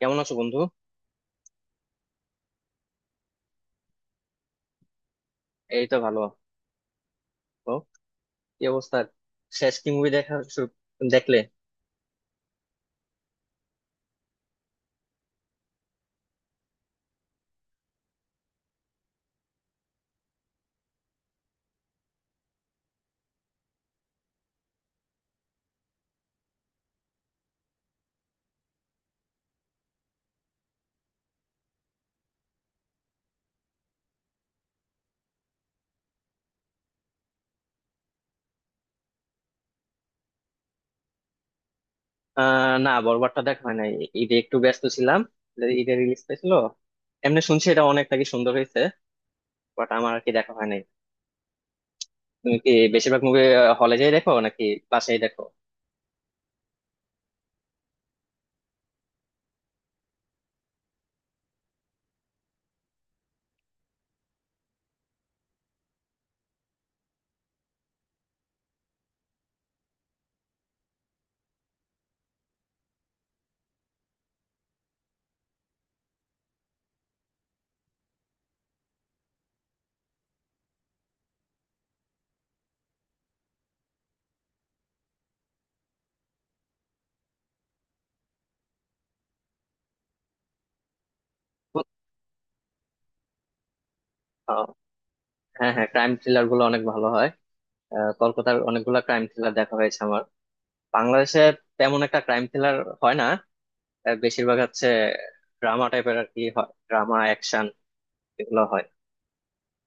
কেমন আছো বন্ধু? এই তো ভালো। তো কি অবস্থা? শেষ কি মুভি দেখা দেখলে? না, বরবারটা দেখা হয় নাই। ঈদে একটু ব্যস্ত ছিলাম, ঈদে রিলিজ পেয়েছিল। এমনি শুনছি এটা অনেক নাকি সুন্দর হয়েছে, বাট আমার আর কি দেখা হয় নাই। তুমি কি বেশিরভাগ মুভি হলে যাই দেখো নাকি বাসায় দেখো? আহ, হ্যাঁ হ্যাঁ, ক্রাইম থ্রিলার গুলো অনেক ভালো হয়। কলকাতার অনেকগুলা ক্রাইম থ্রিলার দেখা হয়েছে আমার। বাংলাদেশে তেমন একটা ক্রাইম থ্রিলার হয় না। বেশিরভাগ হচ্ছে ড্রামা টাইপের আর কি হয়, ড্রামা অ্যাকশন, এগুলো হয়।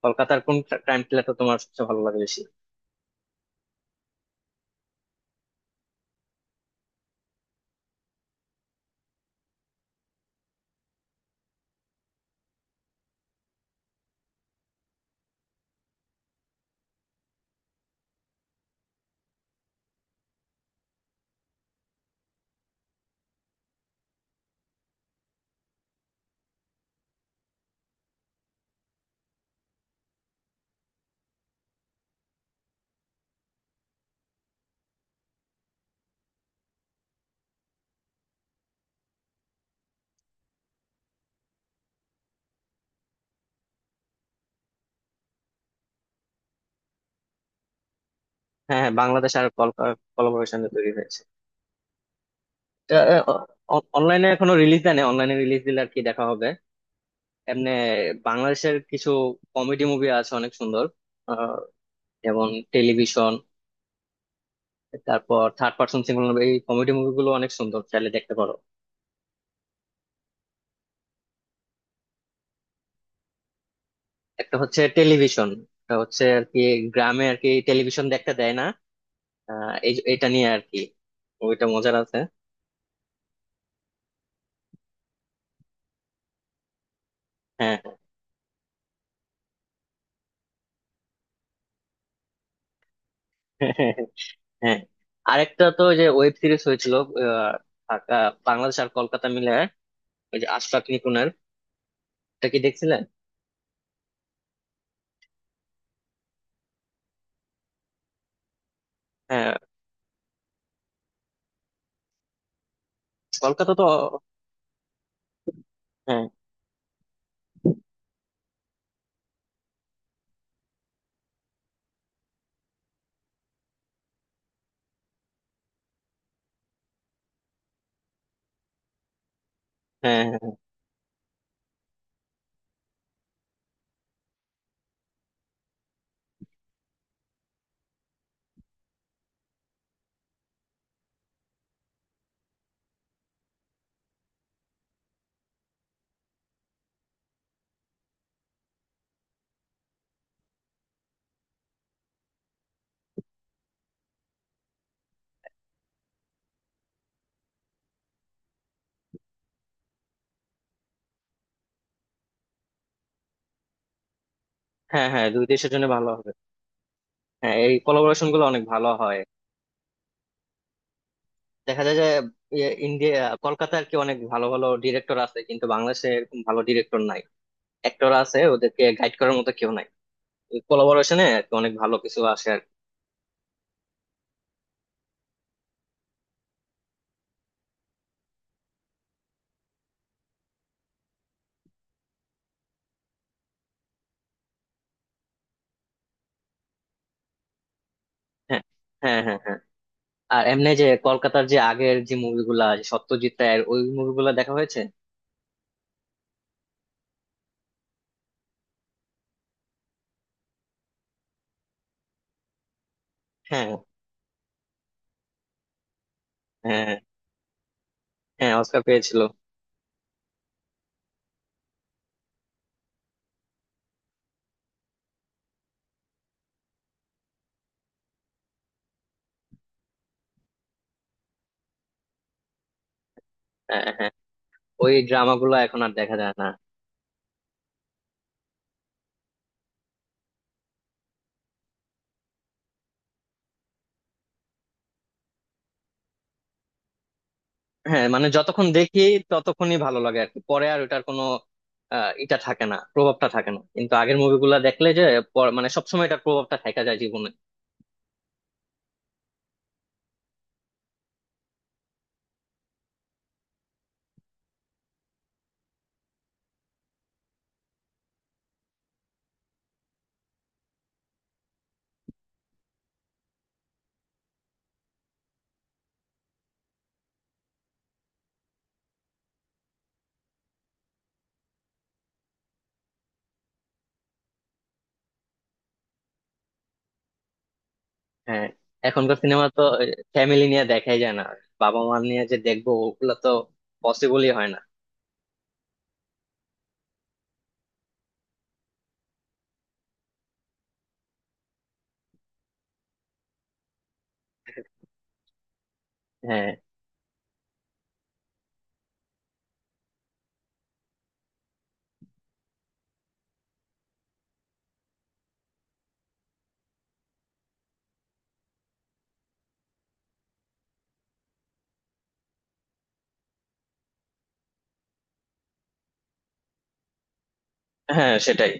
কলকাতার কোন ক্রাইম থ্রিলারটা তোমার সবচেয়ে ভালো লাগে বেশি? হ্যাঁ হ্যাঁ, বাংলাদেশ আর কোলাবোরেশনে তৈরি হয়েছে। অনলাইনে এখনো রিলিজ দেয় না, অনলাইনে রিলিজ দিলে আর কি দেখা হবে। এমনি বাংলাদেশের কিছু কমেডি মুভি আছে অনেক সুন্দর। আহ, যেমন টেলিভিশন, তারপর থার্ড পার্সন সিঙ্গল, এই কমেডি মুভিগুলো অনেক সুন্দর, চাইলে দেখতে পারো। একটা হচ্ছে টেলিভিশন, একটা হচ্ছে আর কি গ্রামে আর কি টেলিভিশন দেখতে দেয় না, এই এটা নিয়ে আর কি, ওইটা মজার আছে। হ্যাঁ. হ্যাঁ, আরেকটা তো ওই যে ওয়েব সিরিজ হয়েছিল, আহ, বাংলাদেশ আর কলকাতা মিলে, ওই যে আশরাফ নিকুনের, এটা কি দেখছিলেন? হ্যাঁ। কলকাতা তো হ্যাঁ। হ্যাঁ হ্যাঁ হ্যাঁ হ্যাঁ হ্যাঁ, দুই দেশের জন্য ভালো হবে। হ্যাঁ, এই কোলাবোরেশন গুলো অনেক ভালো হয়। দেখা যায় যে ইন্ডিয়া কলকাতা আর কি অনেক ভালো ভালো ডিরেক্টর আছে, কিন্তু বাংলাদেশে এরকম ভালো ডিরেক্টর নাই। অ্যাক্টর আছে, ওদেরকে গাইড করার মতো কেউ নাই। এই কোলাবোরেশনে অনেক ভালো কিছু আসে আর কি। হ্যাঁ হ্যাঁ হ্যাঁ হ্যাঁ। আর এমনি যে কলকাতার যে আগের যে মুভিগুলা, সত্যজিৎ রায়ের ওই মুভিগুলা দেখা হয়েছে। হ্যাঁ। হ্যাঁ, হ্যাঁ অস্কার পেয়েছিল। হ্যাঁ হ্যাঁ। ওই ড্রামাগুলো এখন আর দেখা যায় না। হ্যাঁ, মানে যতক্ষণ দেখি ততক্ষণই ভালো লাগে আর কি, পরে আর ওটার কোনো এটা থাকে না, প্রভাবটা থাকে না। কিন্তু আগের মুভিগুলা দেখলে যে মানে সবসময় এটার প্রভাবটা থেকে যায় জীবনে। হ্যাঁ। এখনকার সিনেমা তো ফ্যামিলি নিয়ে দেখাই যায় না, বাবা মা নিয়ে যে দেখবো ওগুলা তো পসিবলই হয় না। হ্যাঁ হ্যাঁ সেটাই।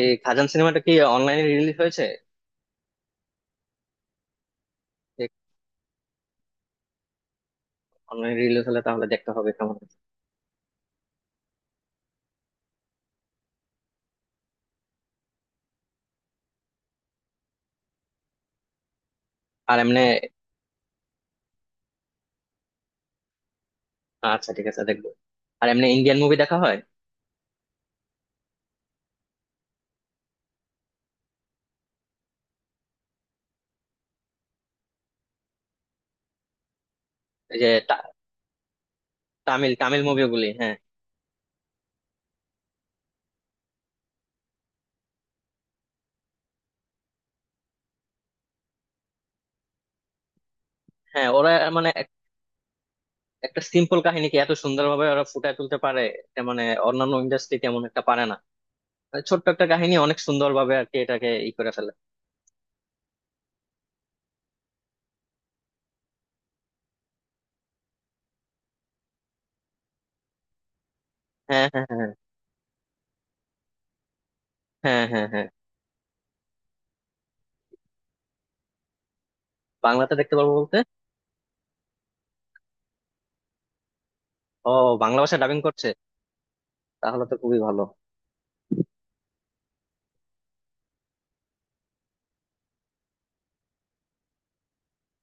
এই খাজান সিনেমাটা কি অনলাইনে রিলিজ হয়েছে? অনলাইনে রিলিজ হলে তাহলে দেখতে হবে কেমন হয়েছে। আর এমনি আচ্ছা ঠিক আছে, দেখবো। আর এমনি ইন্ডিয়ান মুভি দেখা হয়। এই যে তামিল তামিল মুভিগুলি হ্যাঁ হ্যাঁ ওরা মানে একটা সিম্পল কাহিনীকে এত সুন্দরভাবে ওরা ফুটায় তুলতে পারে, এটা মানে অন্যান্য ইন্ডাস্ট্রি তেমন একটা পারে না। মানে ছোট্ট একটা কাহিনী অনেক সুন্দরভাবে আর কি এটাকে ই করে ফেলে। হ্যাঁ হ্যাঁ হ্যাঁ হ্যাঁ হ্যাঁ হ্যাঁ হ্যাঁ। বাংলাতে দেখতে পারবো বলতে? ও, বাংলা ভাষা ডাবিং করছে, তাহলে তো খুবই ভালো।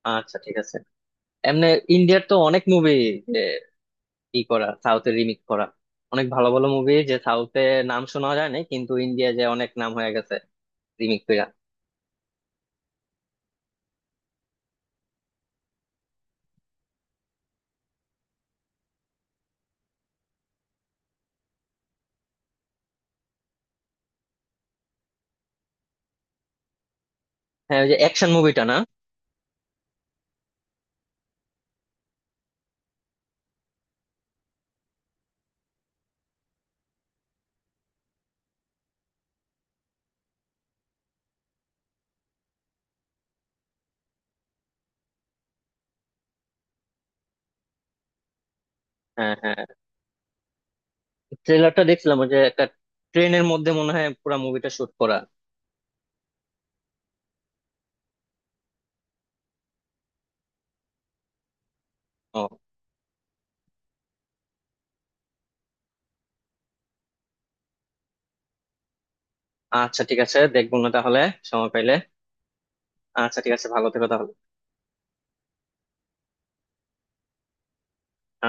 আচ্ছা ঠিক আছে। এমনি ইন্ডিয়ার তো অনেক মুভি ই করা, সাউথের রিমিক্স করা। অনেক ভালো ভালো মুভি যে সাউথে নাম শোনা যায় না, কিন্তু ইন্ডিয়া যে অনেক নাম হয়ে গেছে রিমিক্স কইরা। হ্যাঁ ওই যে অ্যাকশন মুভিটা না। হ্যাঁ হ্যাঁ, ট্রেলারটা দেখছিলাম, ওই যে একটা ট্রেনের মধ্যে মনে হয় পুরো মুভিটা শুট করা। ও আচ্ছা, ঠিক আছে দেখবো না তাহলে, সময় পাইলে। আচ্ছা ঠিক আছে, ভালো থেকো তাহলে।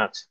আচ্ছা।